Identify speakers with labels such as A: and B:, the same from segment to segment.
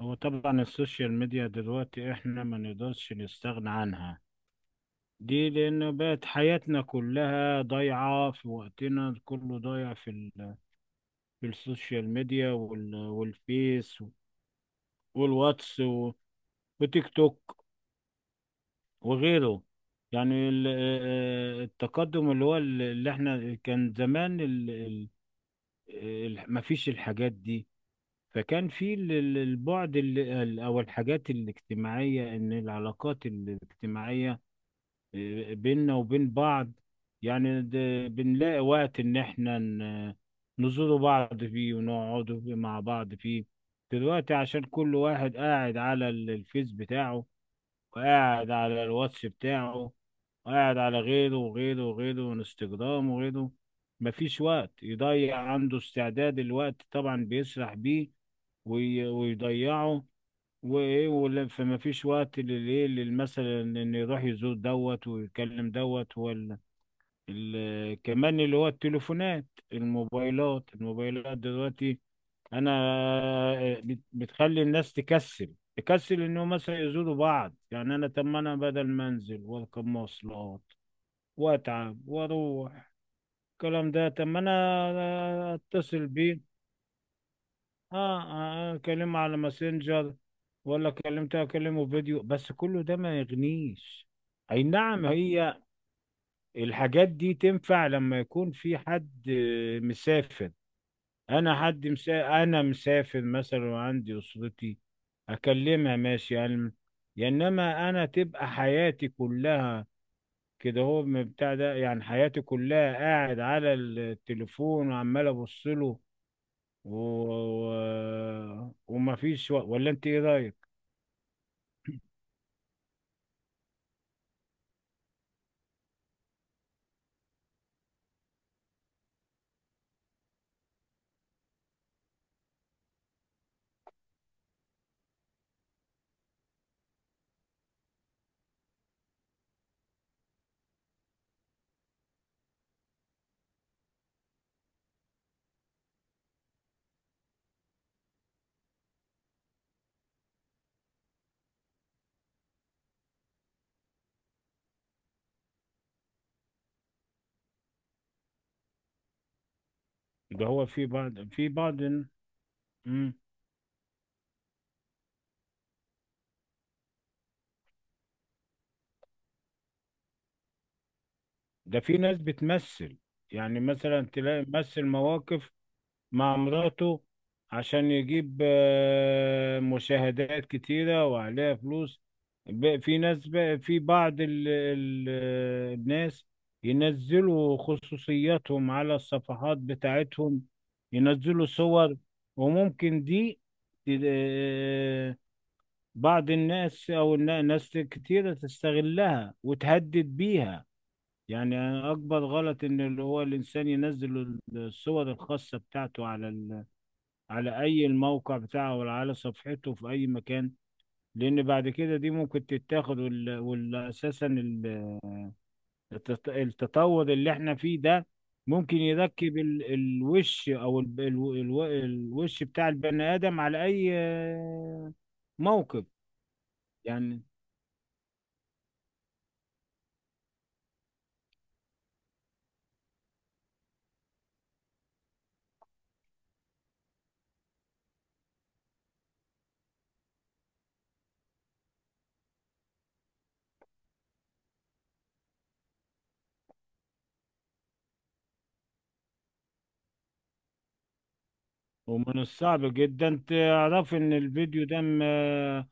A: هو طبعا السوشيال ميديا دلوقتي احنا ما نقدرش نستغنى عنها دي، لأنه بقت حياتنا كلها ضايعة، في وقتنا كله ضايع في السوشيال ميديا والفيس والواتس وتيك توك وغيره. يعني ال... آه، آه، التقدم اللي هو اللي احنا كان زمان ما فيش الحاجات دي. فكان في البعد أو الحاجات الاجتماعية، إن العلاقات الاجتماعية بيننا وبين بعض، يعني بنلاقي وقت إن إحنا نزوروا بعض فيه ونقعدوا فيه مع بعض فيه. دلوقتي عشان كل واحد قاعد على الفيس بتاعه، وقاعد على الواتس بتاعه، وقاعد على غيره وغيره وغيره وانستجرام وغيره. مفيش وقت يضيع عنده، استعداد الوقت طبعا بيسرح بيه ويضيعه. وايه ولا، فما فيش وقت للايه مثلا انه يروح يزور دوت ويتكلم دوت ولا كمان اللي هو التليفونات، الموبايلات، الموبايلات دلوقتي. انا بتخلي الناس تكسل تكسل انه مثلا يزوروا بعض. يعني انا، طب ما انا بدل ما انزل واركب مواصلات واتعب واروح الكلام ده، طب ما انا اتصل بيه. اه، اه، اكلمه على ماسنجر، ولا كلمته اكلمه فيديو، بس كله ده ما يغنيش. اي نعم، هي الحاجات دي تنفع لما يكون في حد مسافر. انا انا مسافر مثلا وعندي اسرتي اكلمها، ماشي يعني. يا انما انا تبقى حياتي كلها كده، هو من بتاع ده، يعني حياتي كلها قاعد على التليفون وعمال ابص له وما فيش ولا، انت ايه رايك؟ ده هو في بعض، في بعض. مم. ده في ناس بتمثل، يعني مثلا تلاقي ممثل مواقف مع مراته عشان يجيب مشاهدات كتيرة وعليها فلوس. في ناس بقى، في بعض الناس ينزلوا خصوصياتهم على الصفحات بتاعتهم، ينزلوا صور، وممكن دي ت- بعض الناس او ناس كتيرة تستغلها وتهدد بيها. يعني اكبر غلط ان اللي هو الانسان ينزل الصور الخاصة بتاعته على على اي الموقع بتاعه ولا على صفحته في اي مكان، لان بعد كده دي ممكن تتاخد والاساسا التطور اللي احنا فيه ده ممكن يركب الوش او الوش بتاع البني ادم على اي موقف يعني. ومن الصعب جدا تعرف ان الفيديو ده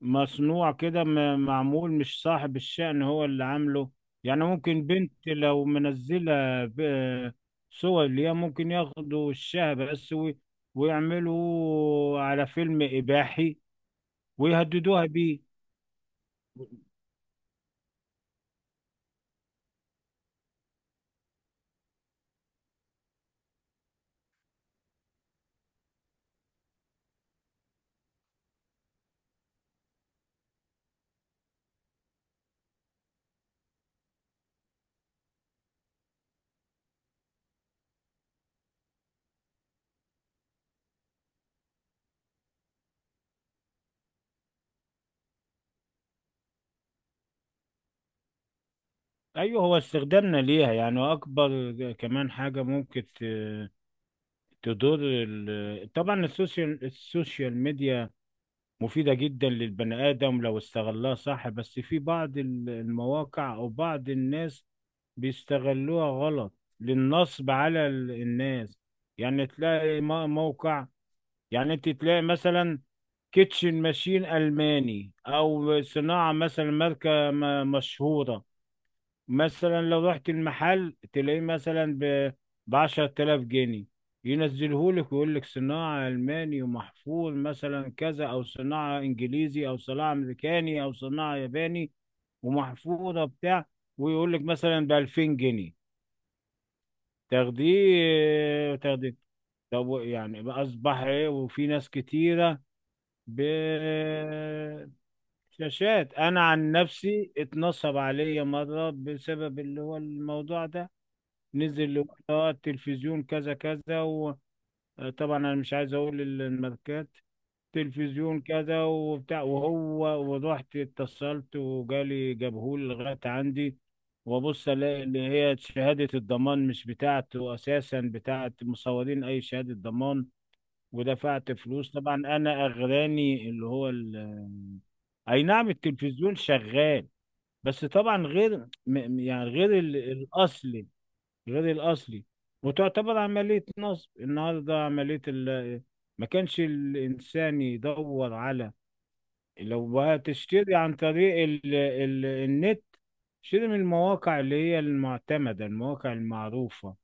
A: مصنوع كده، معمول، مش صاحب الشأن هو اللي عامله. يعني ممكن بنت لو منزلة ب- صور ليها، ممكن ياخدوا وشها بس ويعملوا على فيلم إباحي ويهددوها بيه. أيوه، هو استخدامنا ليها يعني أكبر كمان حاجة ممكن تضر طبعا السوشيال ميديا مفيدة جدا للبني آدم لو استغلها صح، بس في بعض المواقع أو بعض الناس بيستغلوها غلط للنصب على الناس. يعني تلاقي موقع، يعني انت تلاقي مثلا كيتشن ماشين ألماني أو صناعة مثلا ماركة مشهورة، مثلا لو رحت المحل تلاقيه مثلا ب 10000 جنيه، ينزله لك ويقول لك صناعة ألماني ومحفور مثلا كذا، أو صناعة إنجليزي أو صناعة أمريكاني أو صناعة ياباني ومحفورة بتاع، ويقول لك مثلا ب 2000 جنيه، تاخديه تاخديه. طب يعني بقى أصبح إيه؟ وفي ناس كتيرة، ب شاشات. انا عن نفسي اتنصب عليا مره بسبب اللي هو الموضوع ده. نزل التلفزيون كذا كذا، وطبعا انا مش عايز اقول الماركات، تلفزيون كذا وبتاع، وهو ورحت اتصلت وجالي جابهولي لغايه عندي، وابص الاقي اللي هي شهاده الضمان مش بتاعته اساسا، بتاعت مصورين اي شهاده ضمان. ودفعت فلوس طبعا، انا اغراني اللي هو اي نعم، التلفزيون شغال بس طبعا غير يعني غير الاصلي، غير الأصلي. وتعتبر عملية نصب. النهاردة عملية ما كانش الإنسان يدور على، لو هتشتري عن طريق النت، شتري من المواقع اللي هي المعتمدة، المواقع المعروفة،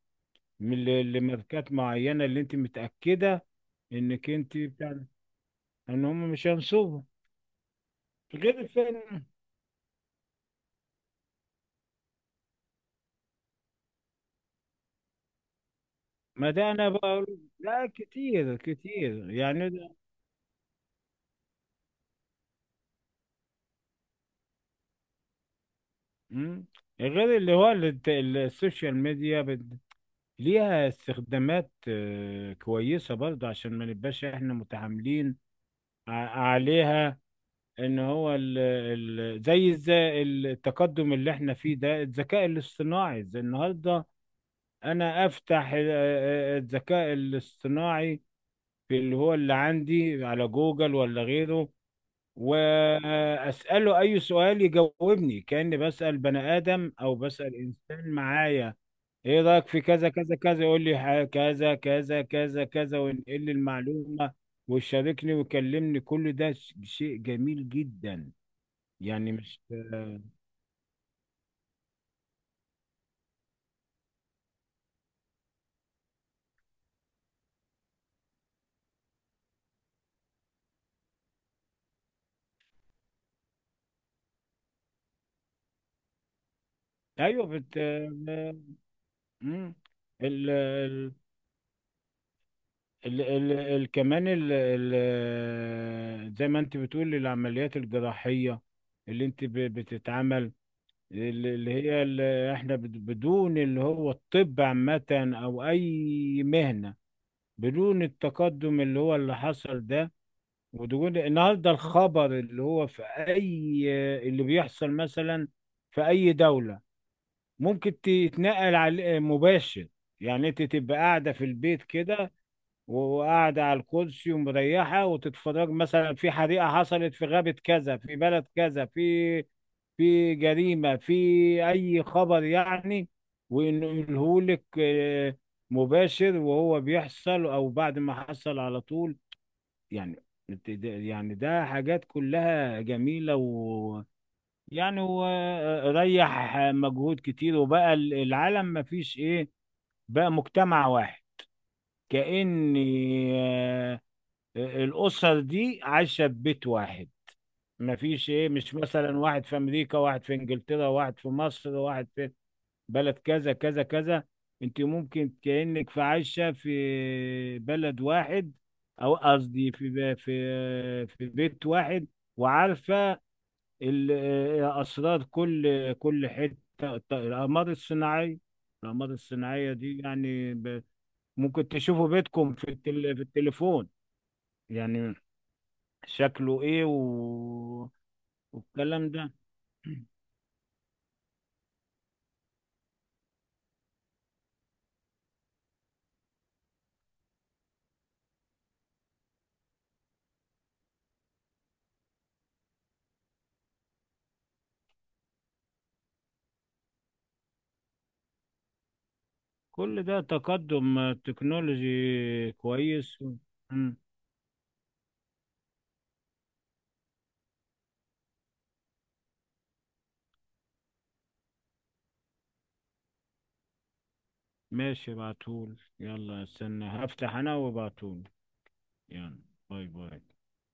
A: من اللي ماركات معينة اللي انت متأكدة انك انت بتاع ده، ان هم مش هينصبوا. غير فين؟ ما ده انا بقول لا، كتير كتير يعني ده. مم. غير اللي هو السوشيال ميديا ليها استخدامات كويسة برضه، عشان ما نبقاش احنا متعاملين ع- عليها. ان هو ال زي التقدم اللي احنا فيه ده، الذكاء الاصطناعي زي النهارده. انا افتح الذكاء الاصطناعي في اللي هو اللي عندي على جوجل ولا غيره، واساله اي سؤال يجاوبني كاني بسال بني ادم او بسال انسان معايا. ايه رايك في كذا كذا كذا؟ يقول لي كذا كذا كذا كذا وينقل لي المعلومه، ويشاركني ويكلمني. كل ده شيء جميل جدا. يعني مش ايوه مم. ال... ال... كمان زي ما انت بتقول العمليات الجراحيه اللي انت بتتعمل، اللي هي اللي احنا بدون اللي هو الطب عامه او اي مهنه، بدون التقدم اللي هو اللي حصل ده، ودون النهارده الخبر اللي هو في اي اللي بيحصل مثلا في اي دولة، ممكن تتنقل على مباشر. يعني انت تبقى قاعدة في البيت كده، وقاعدة على الكرسي ومريحة، وتتفرج مثلا في حريقة حصلت في غابة كذا في بلد كذا، في جريمة، في أي خبر يعني. وإنه يقولهولك مباشر وهو بيحصل أو بعد ما حصل على طول، يعني يعني ده حاجات كلها جميلة، و يعني وريح مجهود كتير. وبقى العالم ما فيش إيه، بقى مجتمع واحد. كأن آه، الأسر دي عايشة في بيت واحد، ما فيش ايه، مش مثلا واحد في امريكا واحد في انجلترا واحد في مصر واحد في بلد كذا كذا كذا. انت ممكن كأنك في عايشة في بلد واحد، او قصدي في ب- في في بيت واحد. وعارفة ال- اسرار كل كل حتة. الاقمار الصناعية، الاقمار الصناعية دي يعني ممكن تشوفوا بيتكم في في التليفون، يعني شكله ايه والكلام ده. كل ده تقدم تكنولوجي كويس. ماشي بعتول، يلا استنى هفتح انا وبعتول. يلا باي. باي.